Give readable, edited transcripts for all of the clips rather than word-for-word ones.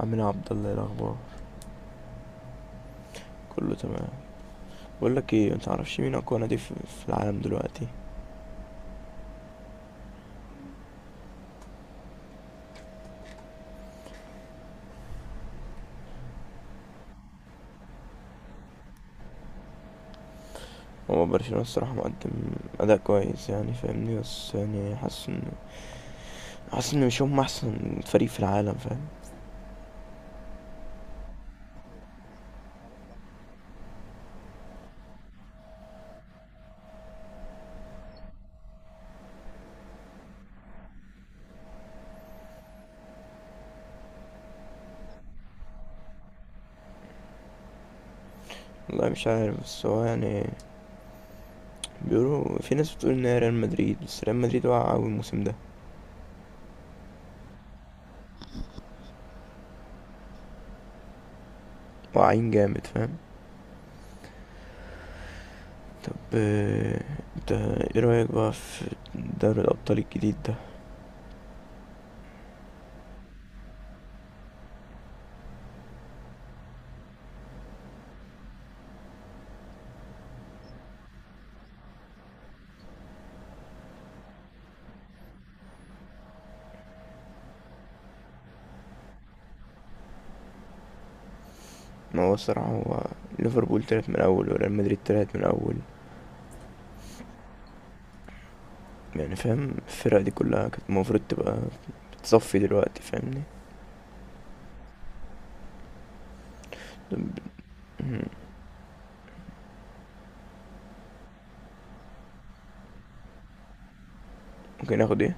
عمنا عبد الله، إيه الاخبار؟ كله تمام. بقول لك ايه، انت عارفش مين اقوى نادي في العالم دلوقتي؟ هو برشلونة الصراحة مقدم أداء كويس، يعني فاهمني، بس يعني حاسس إن مش هم أحسن فريق في العالم، فاهم. والله مش عارف، بس هو يعني بيقولوا في ناس بتقول إن هي ريال مدريد، بس ريال مدريد واقع أوي الموسم ده، واقعين جامد، فاهم. طب، انت ايه رأيك بقى في دوري الأبطال الجديد ده؟ ما هو الصراحة، هو ليفربول طلعت من الأول وريال مدريد طلعت من الأول، يعني فاهم، الفرق دي كلها كانت المفروض تبقى بتصفي دلوقتي، فاهمني. ب- ممكن اخد ايه؟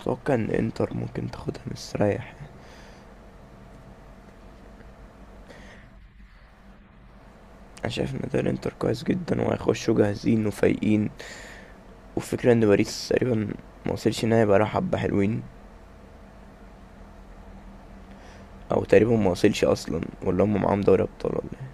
اتوقع ان انتر ممكن تاخدها مستريح. انا شايف ان ده الانتر كويس جدا، وهيخشوا جاهزين وفايقين. وفكرة ان باريس تقريبا ما وصلش، ان هي بقى حبة حلوين، او تقريبا ما وصلش اصلا، ولا هم معاهم دوري ابطال ولا إيه.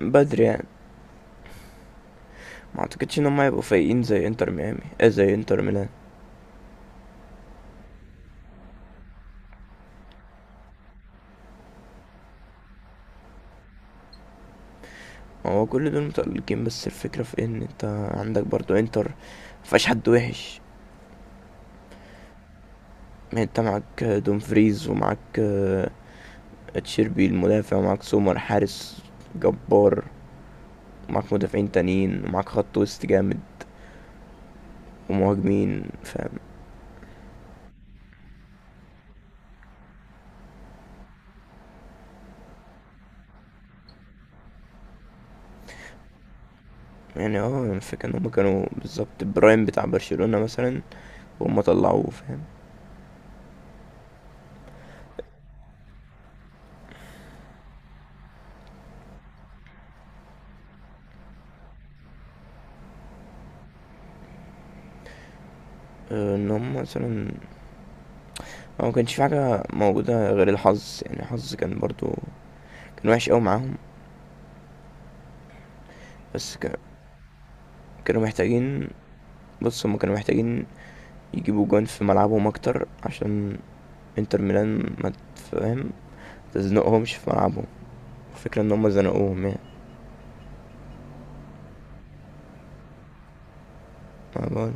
بدري يعني. ما اعتقدش ان هم هيبقوا فايقين زي انتر ميامي، زي انتر ميلان. ما هو كل دول متألقين، بس الفكرة في ان انت عندك برضو انتر، مفيهاش حد وحش. ما انت معاك دومفريز، ومعاك تشيربي المدافع، ومعاك سومر حارس جبار، ومعاك مدافعين تانيين، ومعاك خط وسط جامد ومهاجمين، فاهم. يعني الفكرة ان هما كانوا بالظبط برايم بتاع برشلونة مثلا، وهم طلعوه، فاهم. ان هم مثلا هو ما كانش في حاجة موجودة غير الحظ، يعني الحظ كان برضو كان وحش قوي معاهم. بس كانوا محتاجين. بص، هم كانوا محتاجين يجيبوا جون في ملعبهم اكتر، عشان انتر ميلان ما تزنقهمش في ملعبهم. الفكرة ان هما زنقوهم يعني. ما بقول.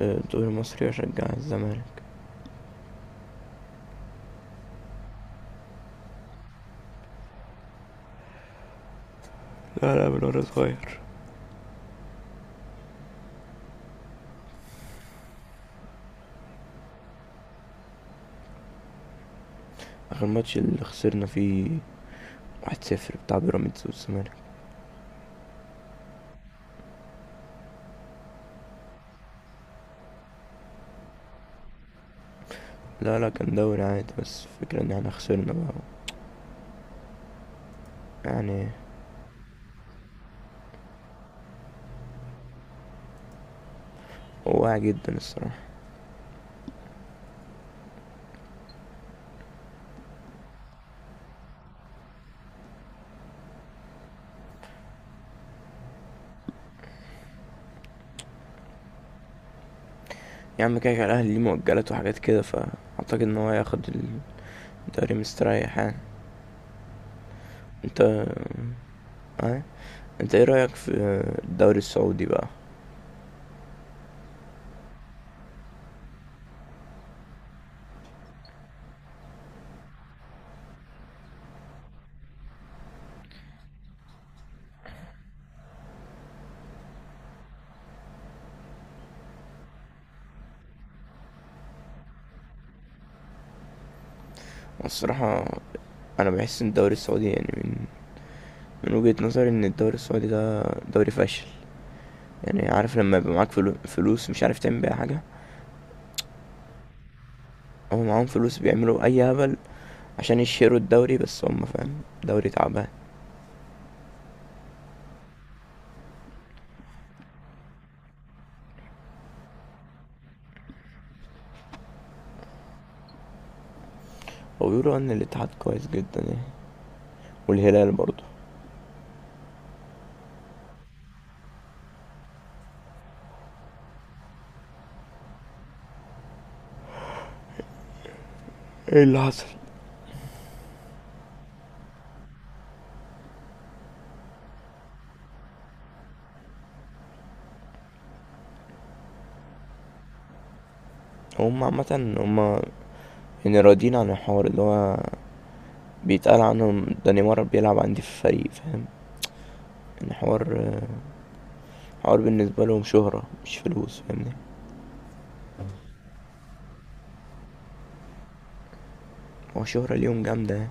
الدوري المصري اشجع الزمالك. لا، لا، من وانا صغير. اخر ماتش اللي خسرنا فيه 1-0، بتاع بيراميدز والزمالك. لا، لا، كان دوري عادي، بس الفكرة ان احنا خسرنا بقى، يعني. هو واعي جدا الصراحة. يا عم، كده كده الاهلي ليه مؤجلات وحاجات كده، فاعتقد ان هو هياخد الدوري مستريح يعني. انت اه انت ايه رايك في الدوري السعودي بقى؟ الصراحة انا بحس ان الدوري السعودي يعني، من وجهة نظري ان الدوري السعودي ده دوري فاشل. يعني عارف لما يبقى معاك فلوس مش عارف تعمل بيها حاجة. هو معاهم فلوس بيعملوا اي هبل عشان يشيروا الدوري، بس هم فاهم دوري تعبان. وبيقولوا ان الاتحاد كويس جدا يعني، والهلال برضه. ايه اللي حصل؟ هم عامة، هم يعني راضيين عن الحوار اللي هو بيتقال عنهم، ده نيمار بيلعب عندي في الفريق، فاهم. الحوار حوار بالنسبة لهم شهرة مش فلوس، فاهمني. هو شهرة ليهم جامدة يعني،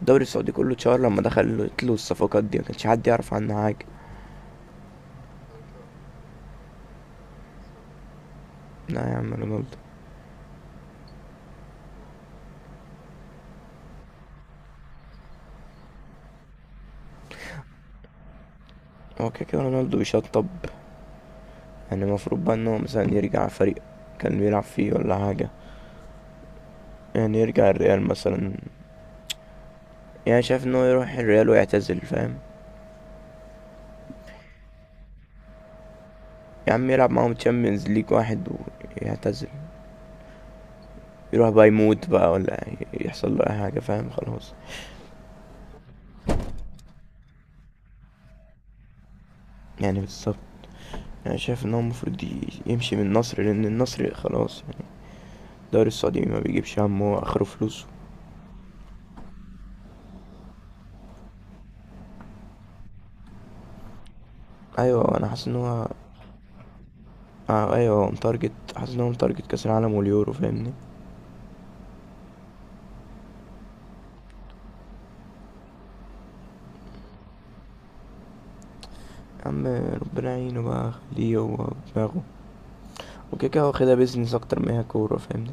الدوري السعودي كله اتشهر لما دخلت له الصفقات دي، ما كانش حد يعرف عنها حاجه. لا يا عم، رونالدو. هو كده كده رونالدو بيشطب، يعني المفروض بقى ان هو مثلا يرجع فريق كان بيلعب فيه ولا حاجه، يعني يرجع الريال مثلا. يعني شايف ان هو يروح الريال ويعتزل، فاهم. يا عم، يلعب معاهم تشامبيونز ليج واحد ويعتزل، يروح بقى يموت بقى، ولا يحصل له اي حاجه، فاهم، خلاص. يعني بالظبط، يعني شايف ان هو المفروض يمشي من النصر، لان النصر خلاص يعني، الدوري السعودي ما بيجيبش همه اخره فلوس. ايوه، انا حاسس ان هو ايوه هو متارجت، حاسس ان هو متارجت كاس العالم واليورو، فاهمني. يا عم، ربنا يعينه بقى، خليه هو دماغه، وكده كده واخدها بيزنس اكتر ما هي كوره، فاهمني.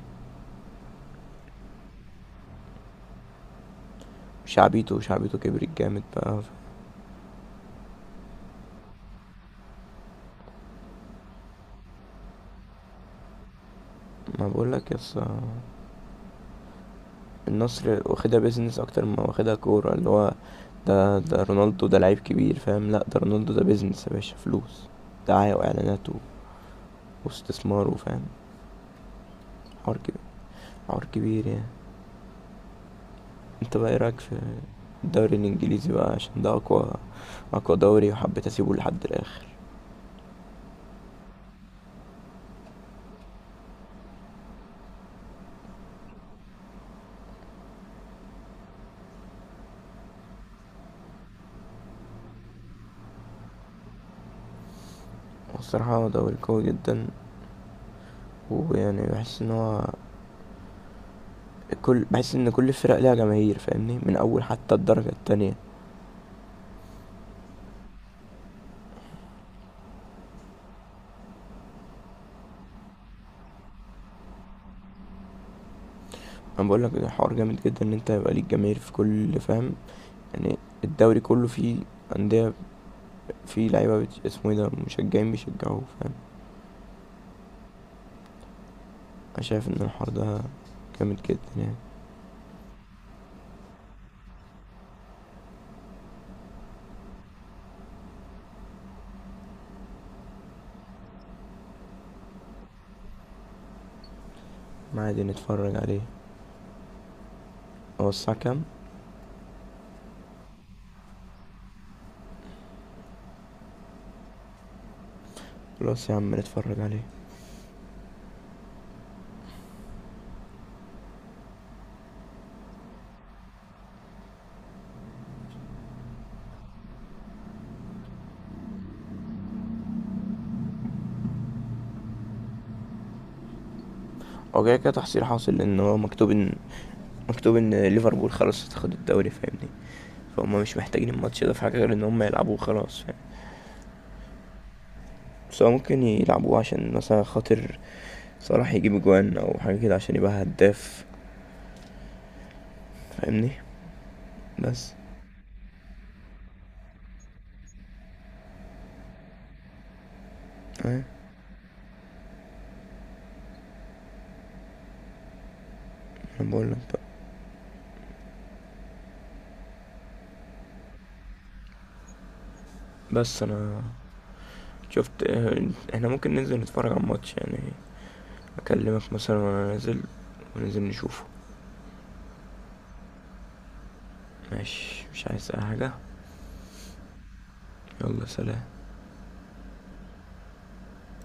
شعبيته كبرت جامد بقى ما بقول لك، يس، النصر واخدها بيزنس اكتر ما واخدها كوره، اللي هو ده رونالدو ده لعيب كبير، فاهم، لا ده رونالدو ده بيزنس، يا باشا، فلوس دعاية واعلانات واستثمار، وفاهم. حوار كبير، حوار كبير يعني. انت بقى ايه رايك في الدوري الانجليزي بقى، عشان ده اقوى، اقوى دوري، وحبيت اسيبه لحد الاخر. والصراحه هو دوري قوي جدا، ويعني بحس ان هو بحس ان كل الفرق ليها جماهير، فاهمني، من اول حتى الدرجه التانية. انا بقول لك الحوار جامد جدا، ان انت يبقى ليك جماهير في كل، فاهم يعني. الدوري كله فيه انديه، فيه لعيبه، اسمه ايه ده، مشجعين بيشجعوه، فاهم. انا شايف ان الحوار ده جامد جدا يعني. ما عادي نتفرج عليه، هو الساعه كام؟ خلاص يا عم، نتفرج عليه. هو كده كده تحصيل حاصل، لان هو مكتوب ان ليفربول خلاص هتاخد الدوري، فاهمني. فهم مش محتاجين الماتش ده في حاجه غير ان هم يلعبوه، خلاص فاهم. بس هو ممكن يلعبوه عشان مثلا خاطر صلاح، يجيب اجوان او حاجه كده عشان يبقى هداف، فاهمني. بس ايه، انا بقول لك بقى. بس انا شفت، احنا ممكن ننزل نتفرج على الماتش يعني، اكلمك مثلا وانا نازل، وننزل نشوفه. ماشي، مش عايز اي حاجه. يلا سلام.